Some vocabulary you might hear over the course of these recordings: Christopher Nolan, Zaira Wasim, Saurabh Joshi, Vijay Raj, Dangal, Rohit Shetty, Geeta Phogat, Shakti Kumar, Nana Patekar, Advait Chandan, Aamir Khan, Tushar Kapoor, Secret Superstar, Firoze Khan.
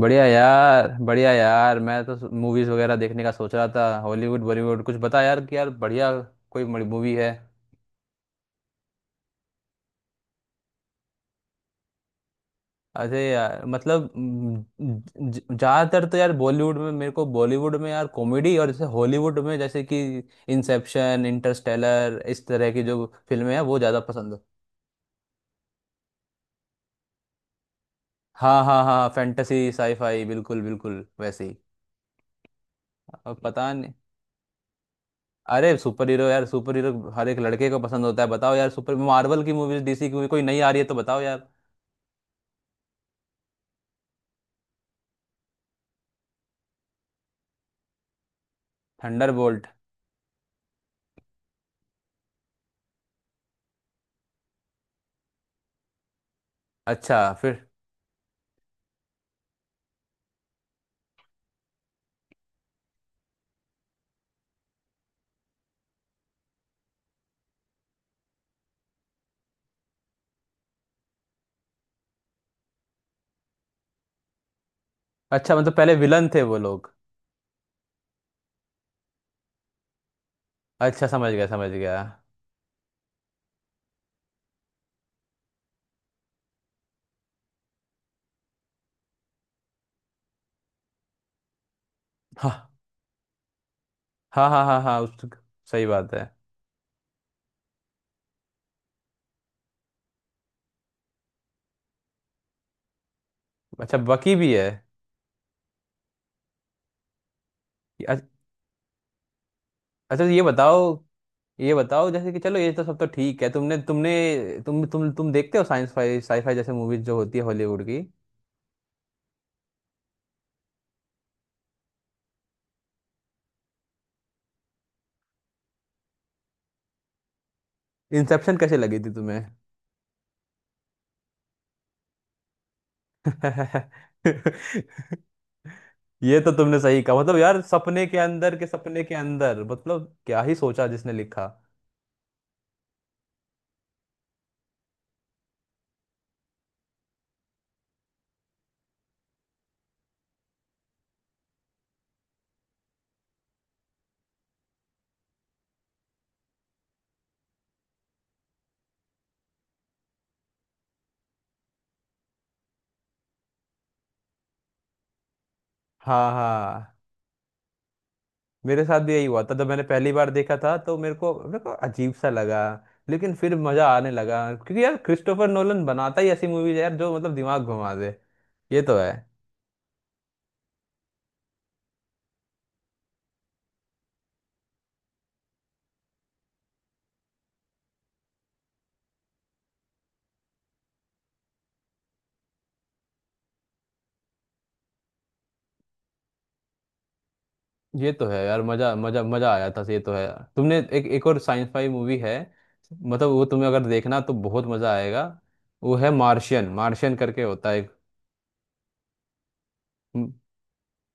बढ़िया यार, बढ़िया यार। मैं तो मूवीज वगैरह देखने का सोच रहा था। हॉलीवुड, बॉलीवुड कुछ बता यार, कि यार बढ़िया कोई मूवी है। अरे यार, मतलब ज़्यादातर तो यार बॉलीवुड में, मेरे को बॉलीवुड में यार कॉमेडी, और जैसे हॉलीवुड में जैसे कि इंसेप्शन, इंटरस्टेलर, इस तरह की जो फिल्में हैं वो ज़्यादा पसंद है। हाँ हाँ हाँ, फैंटेसी साईफाई, बिल्कुल बिल्कुल वैसे ही। अब पता नहीं। अरे सुपर हीरो यार, सुपर हीरो हर एक लड़के को पसंद होता है। बताओ यार, सुपर मार्वल की मूवीज, डीसी की मूवी कोई नई आ रही है तो बताओ यार। थंडरबोल्ट। अच्छा फिर। अच्छा, मतलब पहले विलन थे वो लोग। अच्छा, समझ गया समझ गया। हाँ हाँ हाँ हाँ हाँ, उस। सही बात है। अच्छा बकी भी है। अ- अच्छा ये बताओ, ये बताओ जैसे कि, चलो ये तो सब तो ठीक है। तुमने तुमने तुम देखते हो साइंस फाई, साईफाई जैसे मूवीज जो होती है हॉलीवुड की। इंसेप्शन कैसे लगी थी तुम्हें? ये तो तुमने सही कहा। मतलब यार, सपने के अंदर के सपने के अंदर, मतलब क्या ही सोचा जिसने लिखा। हाँ हाँ। मेरे साथ भी यही हुआ था। जब मैंने पहली बार देखा था तो मेरे को अजीब सा लगा। लेकिन फिर मजा आने लगा, क्योंकि यार क्रिस्टोफर नोलन बनाता ही ऐसी मूवीज यार जो मतलब दिमाग घुमा दे। ये तो है। ये तो है यार, मजा मजा मजा आया था। ये तो है यार, तुमने एक एक और साइंस फाई मूवी है। मतलब वो तुम्हें अगर देखना तो बहुत मजा आएगा। वो है मार्शियन, मार्शियन करके होता है। एक,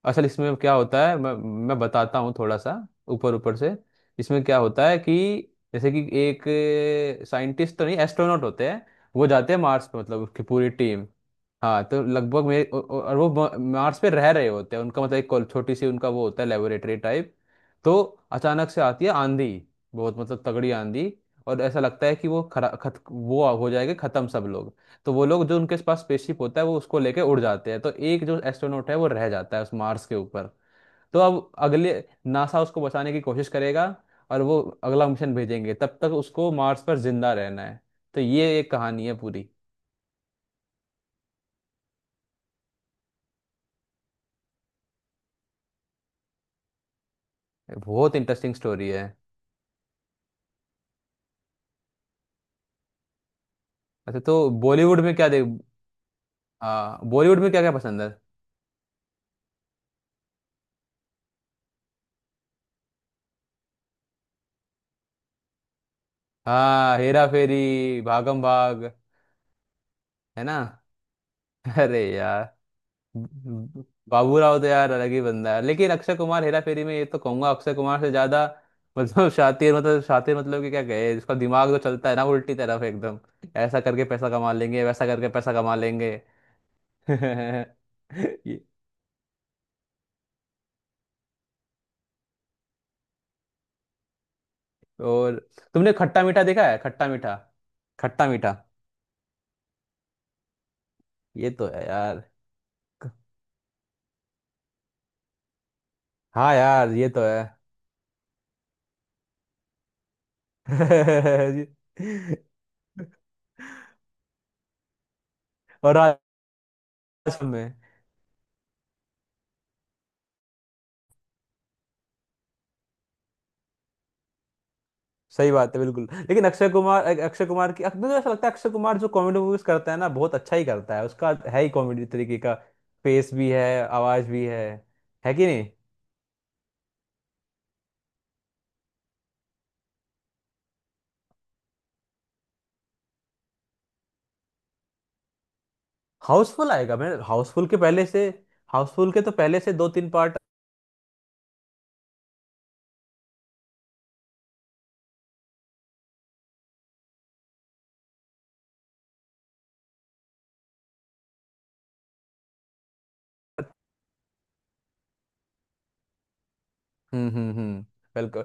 असल इसमें क्या होता है। मैं बताता हूँ थोड़ा सा, ऊपर ऊपर से। इसमें क्या होता है कि, जैसे कि एक साइंटिस्ट तो नहीं, एस्ट्रोनॉट होते हैं। वो जाते हैं मार्स पे, मतलब उसकी पूरी टीम। हाँ, तो लगभग मेरे और वो मार्स पे रह रहे होते हैं। उनका मतलब एक छोटी सी उनका वो होता है, लेबोरेटरी टाइप। तो अचानक से आती है आंधी, बहुत मतलब तगड़ी आंधी। और ऐसा लगता है कि वो खरा खत वो हो जाएगा खत्म सब लोग। तो वो लोग, जो उनके पास स्पेसशिप होता है वो उसको लेके उड़ जाते हैं। तो एक जो एस्ट्रोनॉट है वो रह जाता है उस मार्स के ऊपर। तो अब अगले, नासा उसको बचाने की कोशिश करेगा, और वो अगला मिशन भेजेंगे। तब तक उसको मार्स पर जिंदा रहना है। तो ये एक कहानी है पूरी। बहुत इंटरेस्टिंग स्टोरी है। अच्छा तो बॉलीवुड में क्या देख। बॉलीवुड में क्या क्या पसंद है? हाँ हेरा फेरी, भागम भाग, है ना? अरे यार, बाबूराव तो यार अलग ही बंदा है। लेकिन अक्षय कुमार हेरा फेरी में, ये तो कहूंगा अक्षय कुमार से ज्यादा। मतलब शातिर, मतलब शातिर, मतलब कि क्या कहे, इसका दिमाग तो चलता है ना उल्टी तरफ एकदम। ऐसा करके पैसा कमा लेंगे, वैसा करके पैसा कमा लेंगे। ये- और तुमने खट्टा मीठा देखा है? खट्टा मीठा, खट्टा मीठा। ये तो है यार। हाँ यार ये तो है। और राज में। सही बात है बिल्कुल। लेकिन अक्षय कुमार, अक्षय कुमार की मुझे ऐसा लगता है, अक्षय कुमार जो कॉमेडी मूवीज करता है ना बहुत अच्छा ही करता है। उसका है ही कॉमेडी तरीके का, फेस भी है, आवाज भी है कि नहीं? हाउसफुल आएगा, मैं हाउसफुल के पहले से। हाउसफुल के तो पहले से दो तीन पार्ट। हम्म। वेलकम।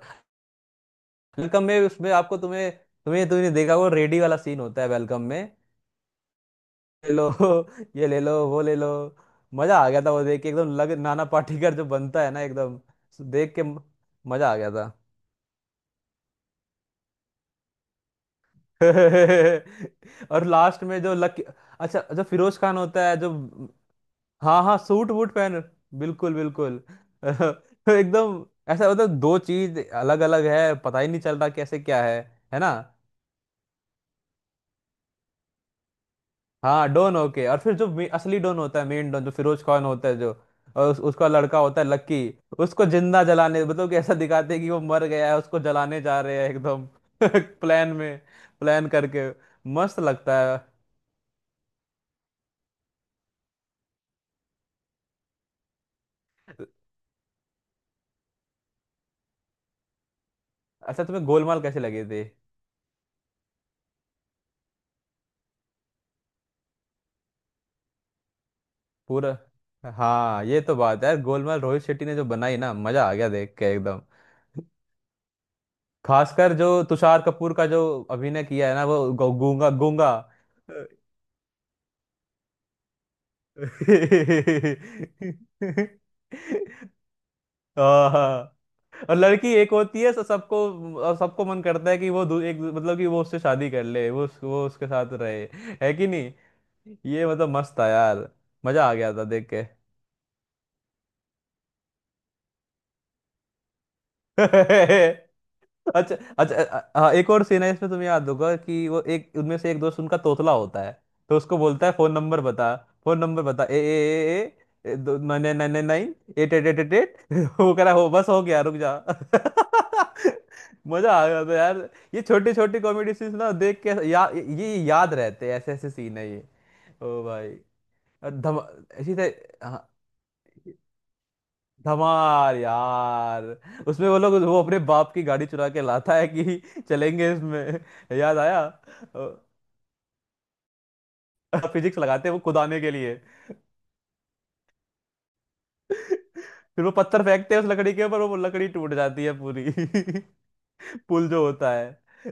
वेलकम में उसमें आपको तुम्हें तुम्हें तुमने देखा वो रेडी वाला सीन होता है वेलकम में? ले लो, ये ले लो वो ले लो। मजा आ गया था वो देख के, एकदम लग, नाना पाटेकर जो बनता है ना एकदम। देख के म- मजा आ गया था। और लास्ट में जो लक। अच्छा जो फिरोज खान होता है जो। हाँ हाँ सूट वूट पहन, बिल्कुल बिल्कुल, एकदम। ऐसा मतलब दो चीज अलग अलग है, पता ही नहीं चल रहा कैसे क्या है ना? हाँ डॉन ओके, और फिर जो असली डॉन होता है, मेन डॉन जो फिरोज खान होता है जो। और उसका लड़का होता है लक्की, उसको जिंदा जलाने, मतलब कि ऐसा दिखाते हैं कि वो मर गया है। उसको जलाने जा रहे हैं एकदम प्लान में, प्लान करके। मस्त लगता है। अच्छा तुम्हें गोलमाल कैसे लगे थे? पूरा। हाँ ये तो बात है यार, गोलमाल रोहित शेट्टी ने जो बनाई ना, मजा आ गया देख के एकदम। खासकर जो तुषार कपूर का जो अभिनय किया है ना, वो गूंगा गूंगा। हाँ, और लड़की एक होती है तो सबको, और सबको मन करता है कि वो एक, मतलब कि वो उससे शादी कर ले, वो वो उसके साथ रहे। है कि नहीं? ये मतलब मस्त था यार। मजा आ गया था देख। अच्छा अच्छा, हाँ एक और सीन है इसमें, तुम्हें याद होगा कि वो एक उनमें से एक दोस्त उनका तोतला होता है। तो उसको बोलता है फोन नंबर बता, फोन नंबर बता। ए ए, ए ए, 9999, 88888। वो कह रहा हो बस हो गया रुक जा। मजा आ गया था यार। ये छोटे छोटे कॉमेडी सीन्स ना देख के, ये याद रहते हैं। ऐसे ऐसे सीन है ये। ओ भाई, और धमा, इसी तरह। धमाल यार, उसमें वो लोग वो अपने बाप की गाड़ी चुरा के लाता है कि चलेंगे, इसमें याद आया। फिजिक्स लगाते हैं वो खुदाने के लिए। फिर वो पत्थर फेंकते हैं उस लकड़ी के ऊपर, वो लकड़ी टूट जाती है पूरी, पुल जो होता है।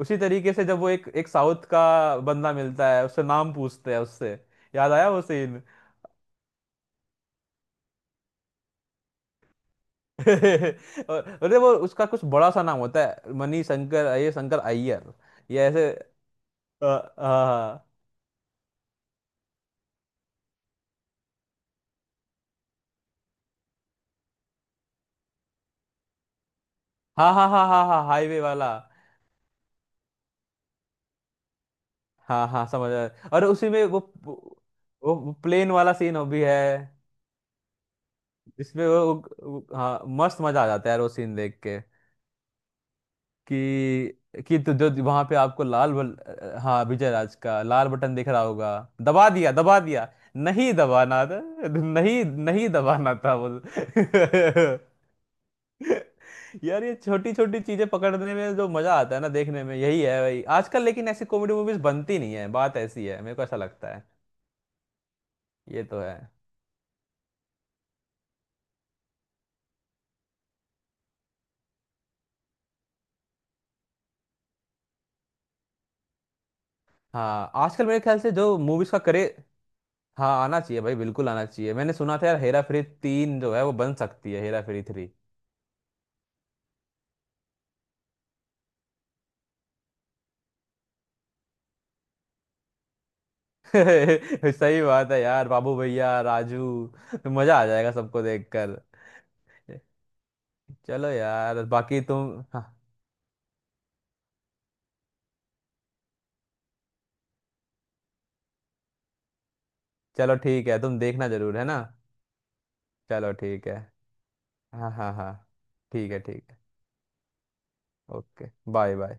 उसी तरीके से जब वो, एक एक साउथ का बंदा मिलता है, उससे नाम पूछते हैं उससे, याद आया वो सीन। और- अरे वो उसका कुछ बड़ा सा नाम होता है, मनी शंकर, ये शंकर अय्यर। ये ऐसे। अ, अ, हाँ हाँ हाँ हाँ हाँ, हाईवे वाला। हाँ हाँ समझ आया। और उसी में वो प्लेन वाला सीन हो भी है, जिसमें वो हाँ मस्त मजा आ जाता है यार वो सीन देख के। कि तो जो वहां पे आपको हाँ विजय राज का लाल बटन दिख रहा होगा। दबा दिया दबा दिया। नहीं दबाना था, नहीं नहीं दबाना था वो। यार ये छोटी छोटी चीजें पकड़ने में जो मजा आता है ना देखने में, यही है भाई आजकल। लेकिन ऐसी कॉमेडी मूवीज बनती नहीं है, बात ऐसी है। मेरे को ऐसा लगता है। ये तो है। हाँ आजकल मेरे ख्याल से जो मूवीज का करे। हाँ आना चाहिए भाई, बिल्कुल आना चाहिए। मैंने सुना था यार, हेरा फेरी 3 जो है वो बन सकती है, हेरा फेरी 3। सही बात है यार, बाबू भैया राजू, मजा आ जाएगा सबको देखकर। चलो यार बाकी तुम। हाँ, चलो ठीक है तुम देखना जरूर, है ना? चलो ठीक है। हाँ हाँ हाँ। ठीक है ठीक। Okay bye bye.